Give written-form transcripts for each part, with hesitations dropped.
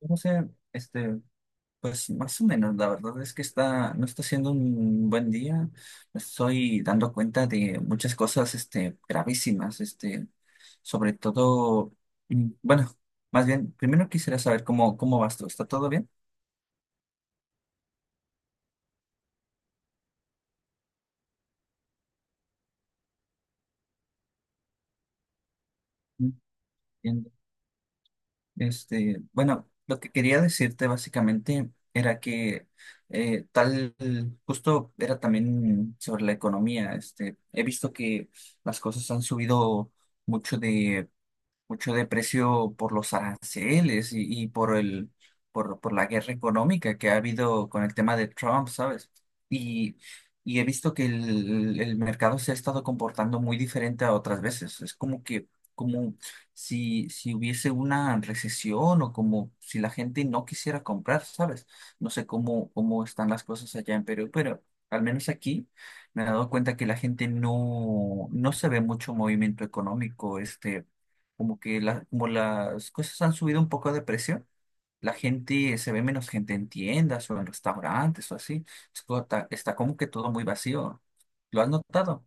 No sé, este, pues más o menos, la verdad es que no está siendo un buen día. Me estoy dando cuenta de muchas cosas, gravísimas, sobre todo, bueno, más bien, primero quisiera saber cómo vas tú. ¿Está todo bien? Entiendo. Bueno, lo que quería decirte básicamente era que eh, tal, justo era también sobre la economía. Este, he visto que las cosas han subido mucho de mucho de precio por los aranceles y por por la guerra económica que ha habido con el tema de Trump, ¿sabes? Y, y he visto que el mercado se ha estado comportando muy diferente a otras veces. Es como que, como si hubiese una recesión o como si la gente no quisiera comprar, ¿sabes? No sé cómo están las cosas allá en Perú, pero al menos aquí. Me he dado cuenta que la gente no se ve mucho movimiento económico, este, como que como las cosas han subido un poco de precio, la gente, se ve menos gente en tiendas o en restaurantes o así. Está, como que todo muy vacío. ¿Lo has notado?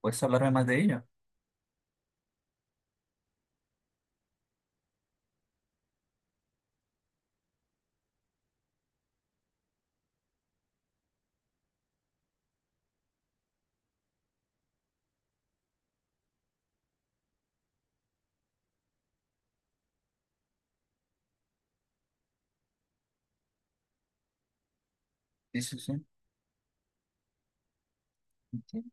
¿Puedes hablarme más de ello? Sí, sí, sí. Entiendo.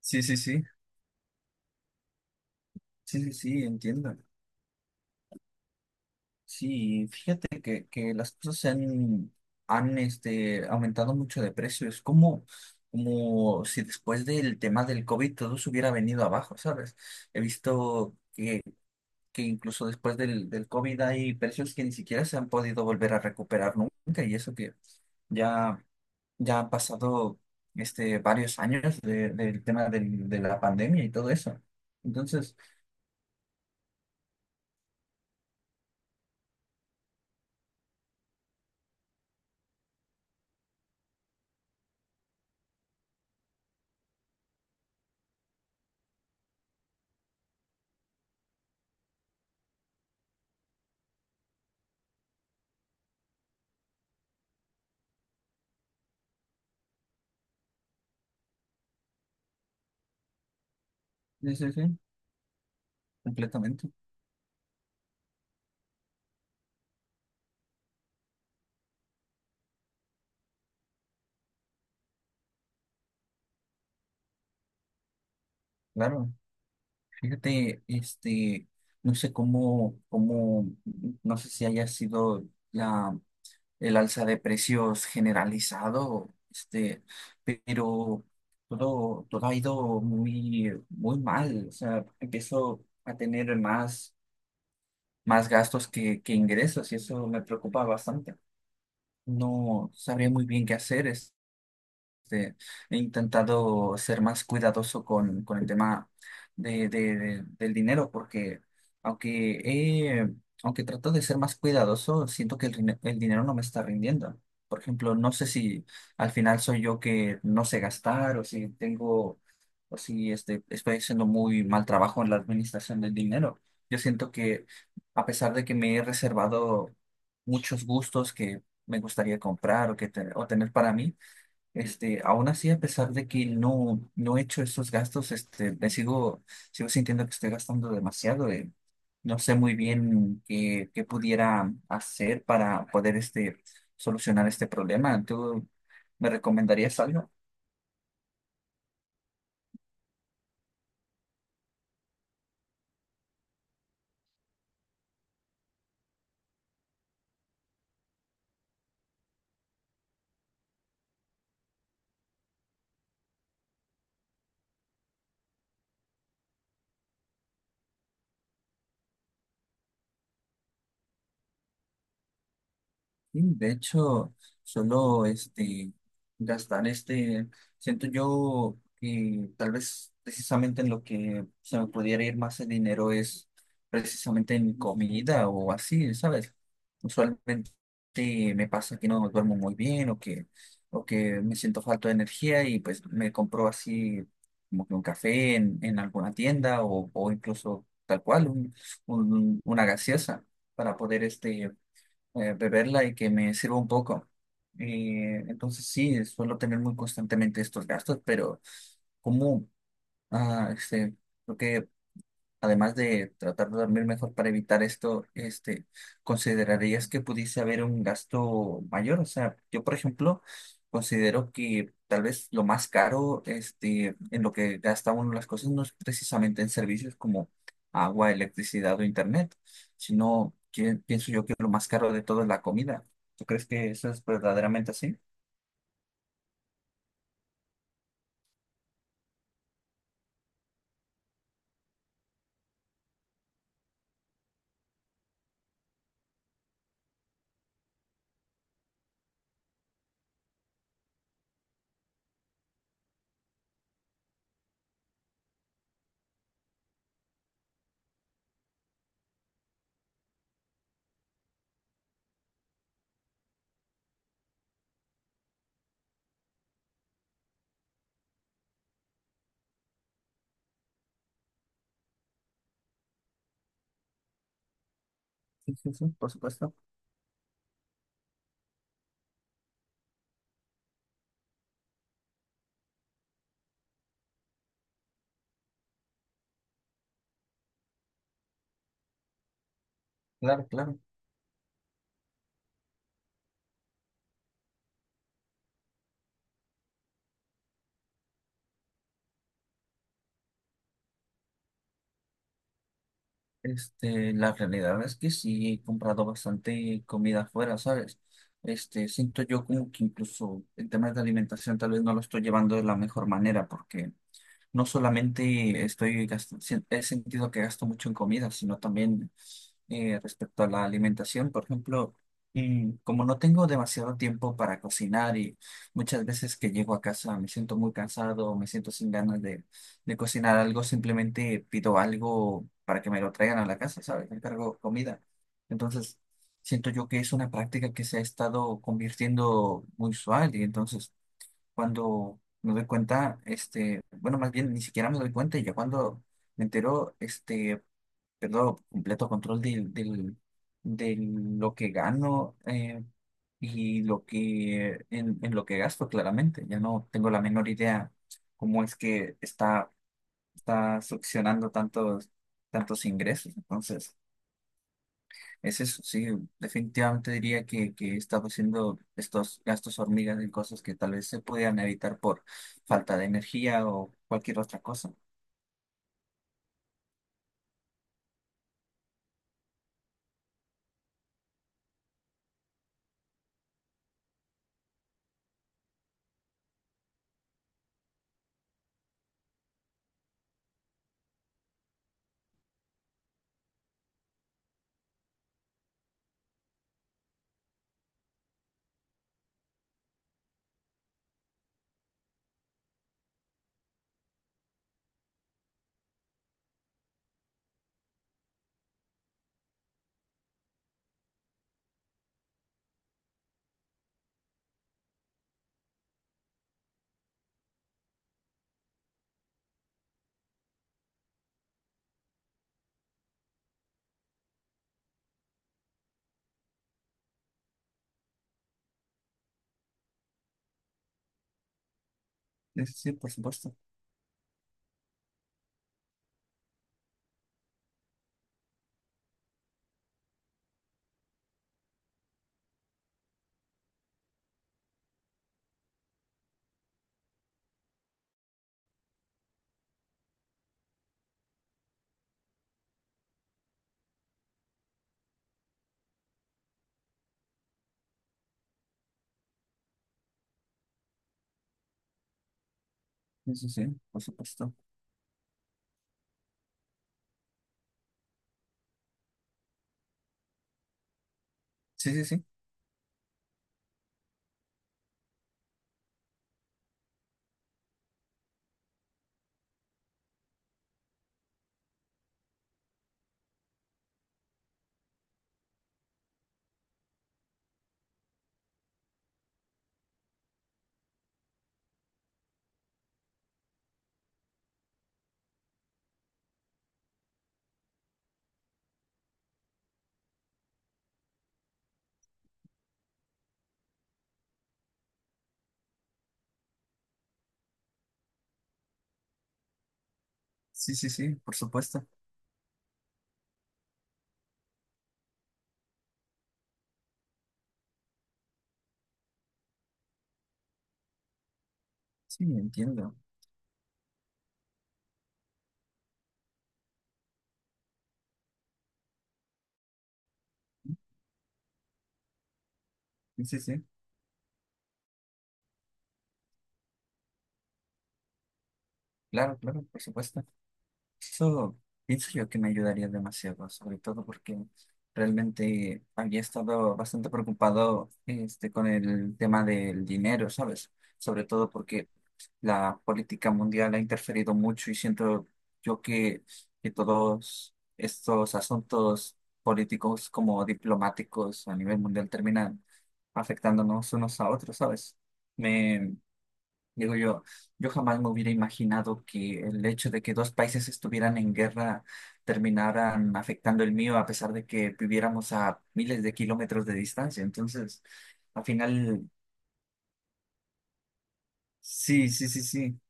Sí, sí, sí. Sí, sí, sí, entiendo. Sí, fíjate que las cosas se han este, aumentado mucho de precio. Es como, como si después del tema del COVID todo se hubiera venido abajo, ¿sabes? He visto que incluso después del COVID hay precios que ni siquiera se han podido volver a recuperar nunca, y eso que ya, ya han pasado este, varios del tema de la pandemia y todo eso. Entonces, sí, sí, sí, completamente, claro. Fíjate, este, no sé no sé si haya sido la el alza de precios generalizado, este, pero todo ha ido muy mal. O sea, empiezo a tener más, más gastos que ingresos y eso me preocupa bastante. No sabría muy bien qué hacer este, he intentado ser más cuidadoso con el tema del dinero, porque aunque, he- aunque trato de ser más cuidadoso, siento que el dinero no me está rindiendo. Por ejemplo, no sé si al final soy yo que no sé gastar o si o si este, estoy haciendo muy mal trabajo en la administración del dinero. Yo siento que a pesar de que me he reservado muchos gustos que me gustaría comprar, o tener para mí, este, aún así, a pesar de que no he hecho esos gastos, este, sigo sintiendo que estoy gastando demasiado. No sé muy bien qué pudiera hacer para poder este, solucionar este problema. ¿Tú me recomendarías algo? Sí, de hecho, solo este gastar este, siento yo que tal vez precisamente en lo que se me pudiera ir más el dinero es precisamente en comida o así, ¿sabes? Usualmente me pasa que no duermo muy bien o que me siento falta de energía y pues me compro así como que un café en alguna tienda o incluso tal cual una gaseosa para poder beberla y que me sirva un poco. Entonces sí, suelo tener muy constantemente estos gastos, pero como ah, este, creo que además de tratar de dormir mejor para evitar esto, este, ¿considerarías que pudiese haber un gasto mayor? O sea, yo, por ejemplo, considero que tal vez lo más caro, este, en lo que gasta uno las cosas no es precisamente en servicios como agua, electricidad o internet, sino que pienso yo que lo más caro de todo es la comida. ¿Tú crees que eso es verdaderamente así? Sí, sí, sí, por supuesto. Claro, claro. Este, la realidad es que sí he comprado bastante comida afuera, ¿sabes? Este, siento yo como que incluso en temas de alimentación tal vez no lo estoy llevando de la mejor manera porque no solamente estoy gast- si- he sentido que gasto mucho en comida, sino también respecto a la alimentación. Por ejemplo, como no tengo demasiado tiempo para cocinar y muchas veces que llego a casa me siento muy cansado, me siento sin ganas de cocinar algo, simplemente pido algo para que me lo traigan a la casa, ¿sabes? Encargo comida. Entonces, siento yo que es una práctica que se ha estado convirtiendo muy usual y entonces cuando me doy cuenta, este, bueno, más bien ni siquiera me doy cuenta y ya cuando me entero, este, pierdo completo control de lo que gano y lo que en lo que gasto, claramente. Ya no tengo la menor idea cómo es que está succionando tantos ingresos. Entonces... Es eso, sí, definitivamente diría que estaba haciendo estos gastos hormigas en cosas que tal vez se podían evitar por falta de energía o cualquier otra cosa. Sí, sí, sí, por supuesto. Eso sí, sí, por supuesto. Sí, sí, sí. Sí, sí, sí, por supuesto. Sí, entiendo. Sí, sí, sí. Claro, claro, por supuesto. Eso pienso yo que me ayudaría demasiado, sobre todo porque realmente había estado bastante preocupado este, con el tema del dinero, ¿sabes? Sobre todo porque la política mundial ha interferido mucho y siento yo que todos estos asuntos políticos como diplomáticos a nivel mundial terminan afectándonos unos a otros, ¿sabes? Me digo yo, yo jamás me hubiera imaginado que el hecho de que dos países estuvieran en guerra terminaran afectando el mío a pesar de que viviéramos a miles de kilómetros de distancia. Entonces, al final, sí, sí, sí, sí.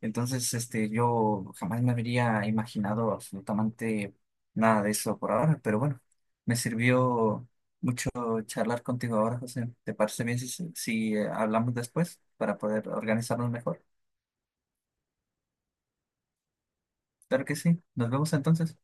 Entonces, este, yo jamás me habría imaginado absolutamente nada de eso por ahora, pero bueno, me sirvió charlar contigo ahora, José. ¿Te parece bien si hablamos después para poder organizarnos mejor? Claro que sí. Nos vemos entonces.